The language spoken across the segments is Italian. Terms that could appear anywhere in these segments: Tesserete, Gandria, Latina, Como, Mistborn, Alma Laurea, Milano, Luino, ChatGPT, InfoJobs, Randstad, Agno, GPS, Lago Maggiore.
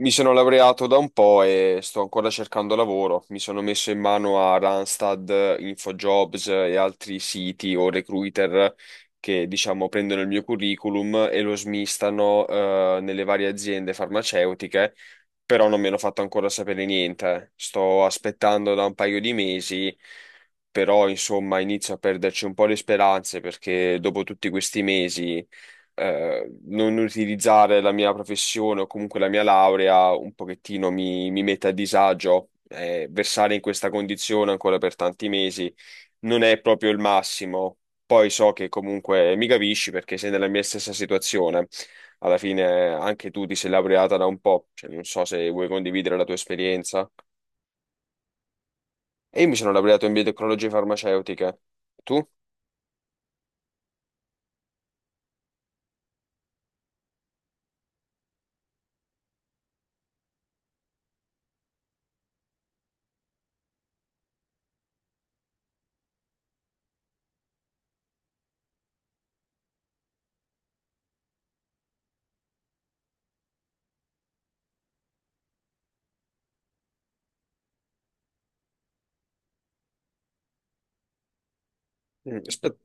Mi sono laureato da un po' e sto ancora cercando lavoro. Mi sono messo in mano a Randstad, InfoJobs e altri siti o recruiter che, diciamo, prendono il mio curriculum e lo smistano, nelle varie aziende farmaceutiche però non mi hanno fatto ancora sapere niente. Sto aspettando da un paio di mesi, però insomma inizio a perderci un po' le speranze perché dopo tutti questi mesi non utilizzare la mia professione o comunque la mia laurea un pochettino mi mette a disagio. Versare in questa condizione ancora per tanti mesi non è proprio il massimo. Poi so che comunque mi capisci perché sei nella mia stessa situazione. Alla fine anche tu ti sei laureata da un po', cioè, non so se vuoi condividere la tua esperienza. E io mi sono laureato in biotecnologie farmaceutiche. Tu? Aspetta.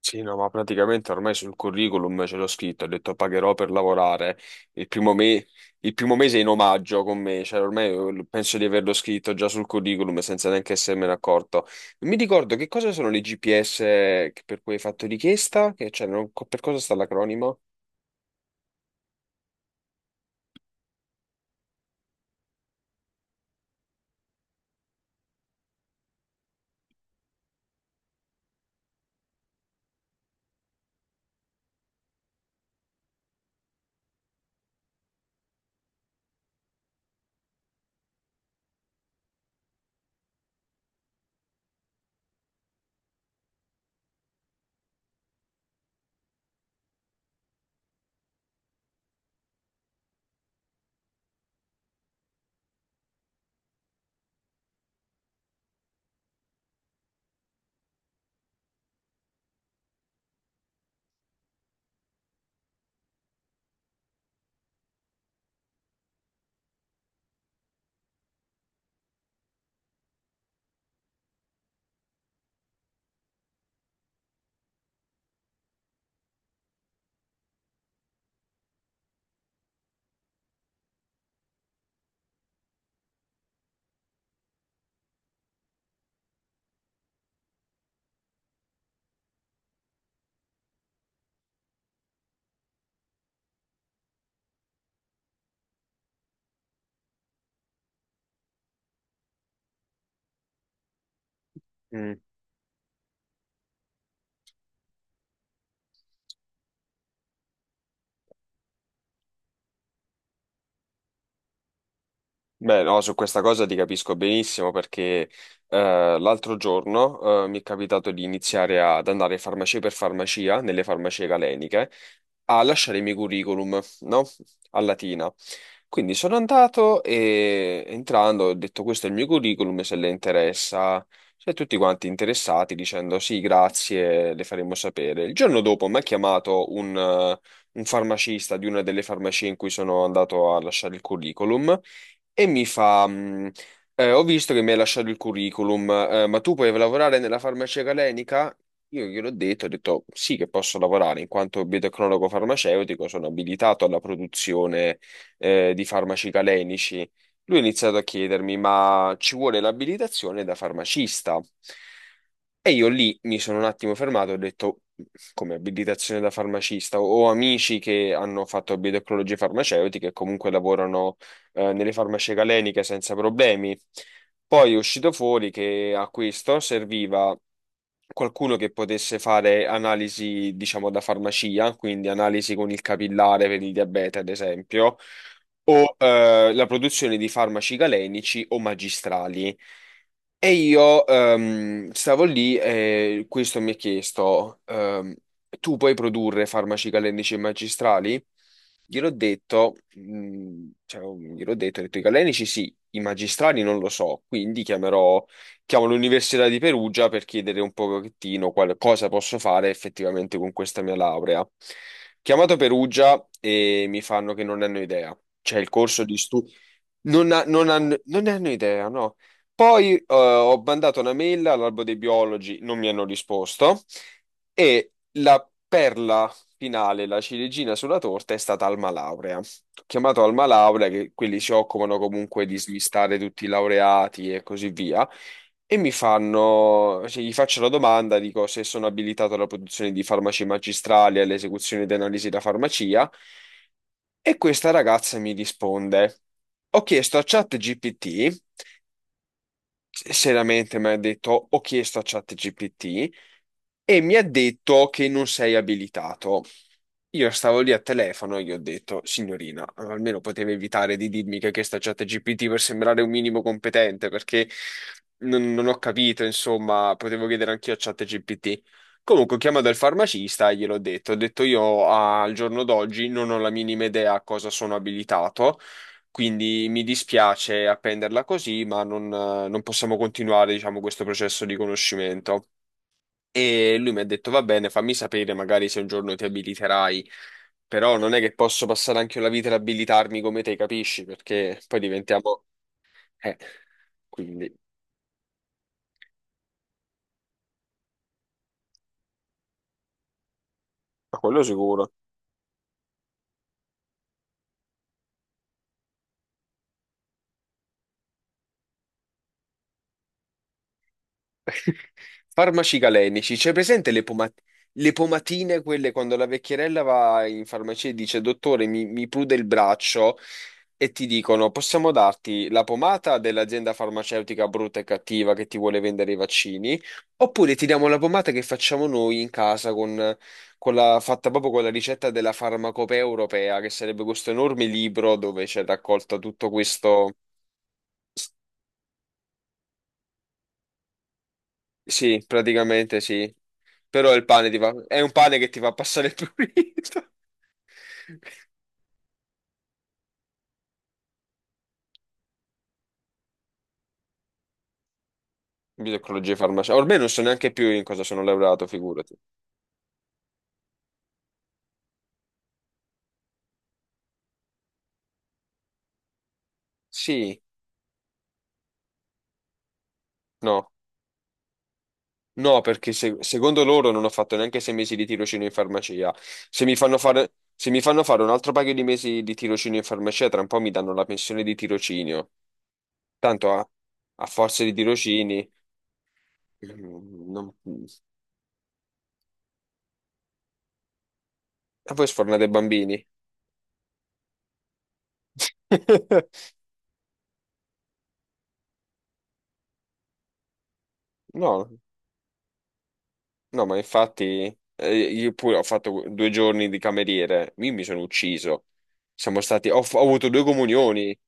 Sì, no, ma praticamente ormai sul curriculum ce l'ho scritto, ho detto pagherò per lavorare il primo, me- il primo mese in omaggio con me, cioè ormai penso di averlo scritto già sul curriculum senza neanche essermene accorto. Mi ricordo che cosa sono le GPS per cui hai fatto richiesta, che, cioè, per cosa sta l'acronimo? Mm. Beh, no, su questa cosa ti capisco benissimo perché l'altro giorno mi è capitato di iniziare ad andare farmacia per farmacia nelle farmacie galeniche a lasciare i miei curriculum, no? A Latina. Quindi sono andato e entrando ho detto questo è il mio curriculum, se le interessa, cioè tutti quanti interessati dicendo sì, grazie, le faremo sapere. Il giorno dopo mi ha chiamato un farmacista di una delle farmacie in cui sono andato a lasciare il curriculum e mi fa, ho visto che mi hai lasciato il curriculum, ma tu puoi lavorare nella farmacia galenica? Io gliel'ho detto, ho detto sì che posso lavorare in quanto biotecnologo farmaceutico, sono abilitato alla produzione di farmaci calenici. Lui ha iniziato a chiedermi, ma ci vuole l'abilitazione da farmacista? E io lì mi sono un attimo fermato, e ho detto, come abilitazione da farmacista, ho amici che hanno fatto biotecnologie farmaceutiche e comunque lavorano nelle farmacie galeniche senza problemi. Poi è uscito fuori che a questo serviva qualcuno che potesse fare analisi, diciamo, da farmacia, quindi analisi con il capillare per il diabete, ad esempio, o la produzione di farmaci galenici o magistrali. E io stavo lì e questo mi ha chiesto, tu puoi produrre farmaci calenici e magistrali? Gliel'ho detto, cioè, gliel'ho detto, ho detto i calenici sì, i magistrali non lo so, quindi chiamo l'Università di Perugia per chiedere un pochettino quale, cosa posso fare effettivamente con questa mia laurea. Chiamato Perugia e mi fanno che non hanno idea. C'è il corso di studio. Non ne hanno idea, no. Poi ho mandato una mail all'albo dei biologi, non mi hanno risposto e la perla finale, la ciliegina sulla torta, è stata Alma Laurea. Ho chiamato Alma Laurea, che quelli si occupano comunque di smistare tutti i laureati e così via. E mi fanno, cioè, gli faccio la domanda, dico se sono abilitato alla produzione di farmaci magistrali, e all'esecuzione di analisi da farmacia, e questa ragazza mi risponde, ho chiesto a ChatGPT, seriamente mi ha detto, ho chiesto a ChatGPT, e mi ha detto che non sei abilitato. Io stavo lì al telefono e gli ho detto, signorina, almeno poteva evitare di dirmi che questa chat GPT per sembrare un minimo competente, perché non ho capito, insomma, potevo chiedere anch'io a chat GPT. Comunque ho chiamato il farmacista e gliel'ho detto, ho detto io al giorno d'oggi non ho la minima idea a cosa sono abilitato, quindi mi dispiace appenderla così, ma non possiamo continuare, diciamo, questo processo di conoscimento. E lui mi ha detto, va bene, fammi sapere magari se un giorno ti abiliterai, però non è che posso passare anche la vita ad abilitarmi come te, capisci? Perché poi diventiamo. Eh, quindi, ma quello sicuro. Farmaci galenici, c'è presente le pomatine, quelle quando la vecchierella va in farmacia e dice, dottore, mi prude il braccio e ti dicono, possiamo darti la pomata dell'azienda farmaceutica brutta e cattiva che ti vuole vendere i vaccini, oppure ti diamo la pomata che facciamo noi in casa con, fatta proprio con la ricetta della farmacopea europea, che sarebbe questo enorme libro dove c'è raccolto tutto questo. Sì, praticamente sì. Però il pane ti fa, è un pane che ti fa passare il prurito. Ginecologia e farmacia. Ormai non so neanche più in cosa sono laureato, figurati. Sì, no. No, perché secondo loro non ho fatto neanche 6 mesi di tirocinio in farmacia. Se mi fanno fare, se mi fanno fare un altro paio di mesi di tirocinio in farmacia, tra un po' mi danno la pensione di tirocinio. Tanto a forza di tirocini, mm, non... e voi sfornate bambini. No. No, ma infatti io pure ho fatto 2 giorni di cameriere, io mi sono ucciso. Ho avuto due comunioni.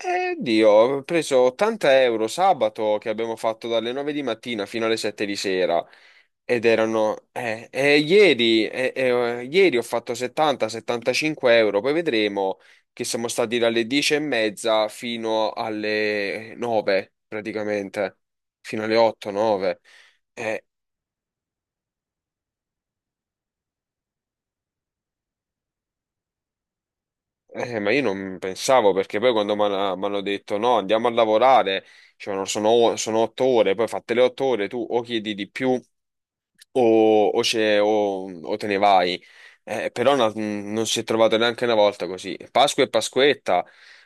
E Dio, ho preso 80 € sabato che abbiamo fatto dalle 9 di mattina fino alle 7 di sera. Ieri ho fatto 70-75 euro, poi vedremo che siamo stati dalle 10 e mezza fino alle 9 praticamente, fino alle 8-9. Ma io non pensavo perché poi quando mi hanno detto no, andiamo a lavorare, dicevano sono 8 ore, poi fatte le 8 ore tu o chiedi di più o te ne vai. Però non si è trovato neanche una volta così. Pasqua e Pasquetta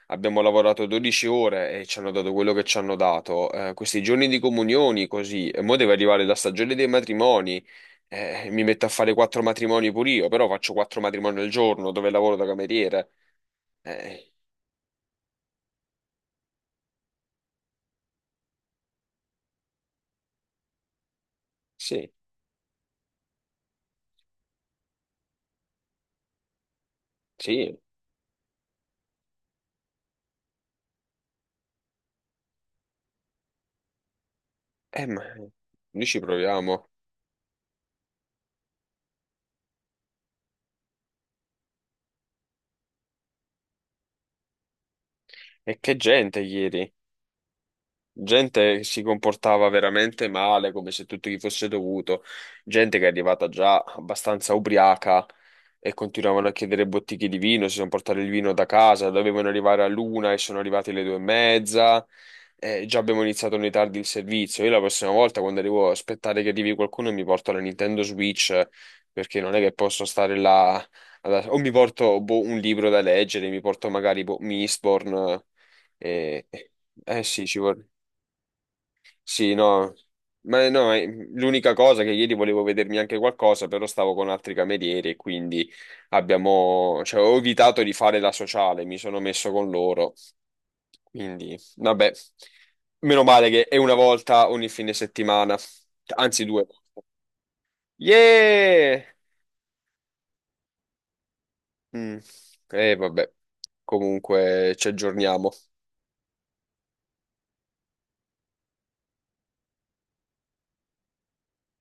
abbiamo lavorato 12 ore e ci hanno dato quello che ci hanno dato. Questi giorni di comunioni così, e mo deve arrivare la stagione dei matrimoni. Mi metto a fare quattro matrimoni pure io, però faccio quattro matrimoni al giorno dove lavoro da cameriere. Eh, Sì, sì, ma noi ci proviamo. E che gente ieri. Gente che si comportava veramente male, come se tutto gli fosse dovuto, gente che è arrivata già abbastanza ubriaca e continuavano a chiedere bottiglie di vino, si sono portati il vino da casa, dovevano arrivare all'una e sono arrivati alle due e mezza. Già abbiamo iniziato noi tardi il servizio. Io la prossima volta, quando arrivo, aspettare che arrivi qualcuno, e mi porto la Nintendo Switch perché non è che posso stare là. O mi porto boh, un libro da leggere, mi porto magari boh, Mistborn. eh, eh sì, ci vorrei. Sì, no, ma no, l'unica cosa che ieri volevo vedermi anche qualcosa, però stavo con altri camerieri e quindi abbiamo, cioè, ho evitato di fare la sociale, mi sono messo con loro, quindi vabbè, meno male che è una volta ogni fine settimana, anzi due volte. Yeah! Mm. Vabbè, comunque ci aggiorniamo.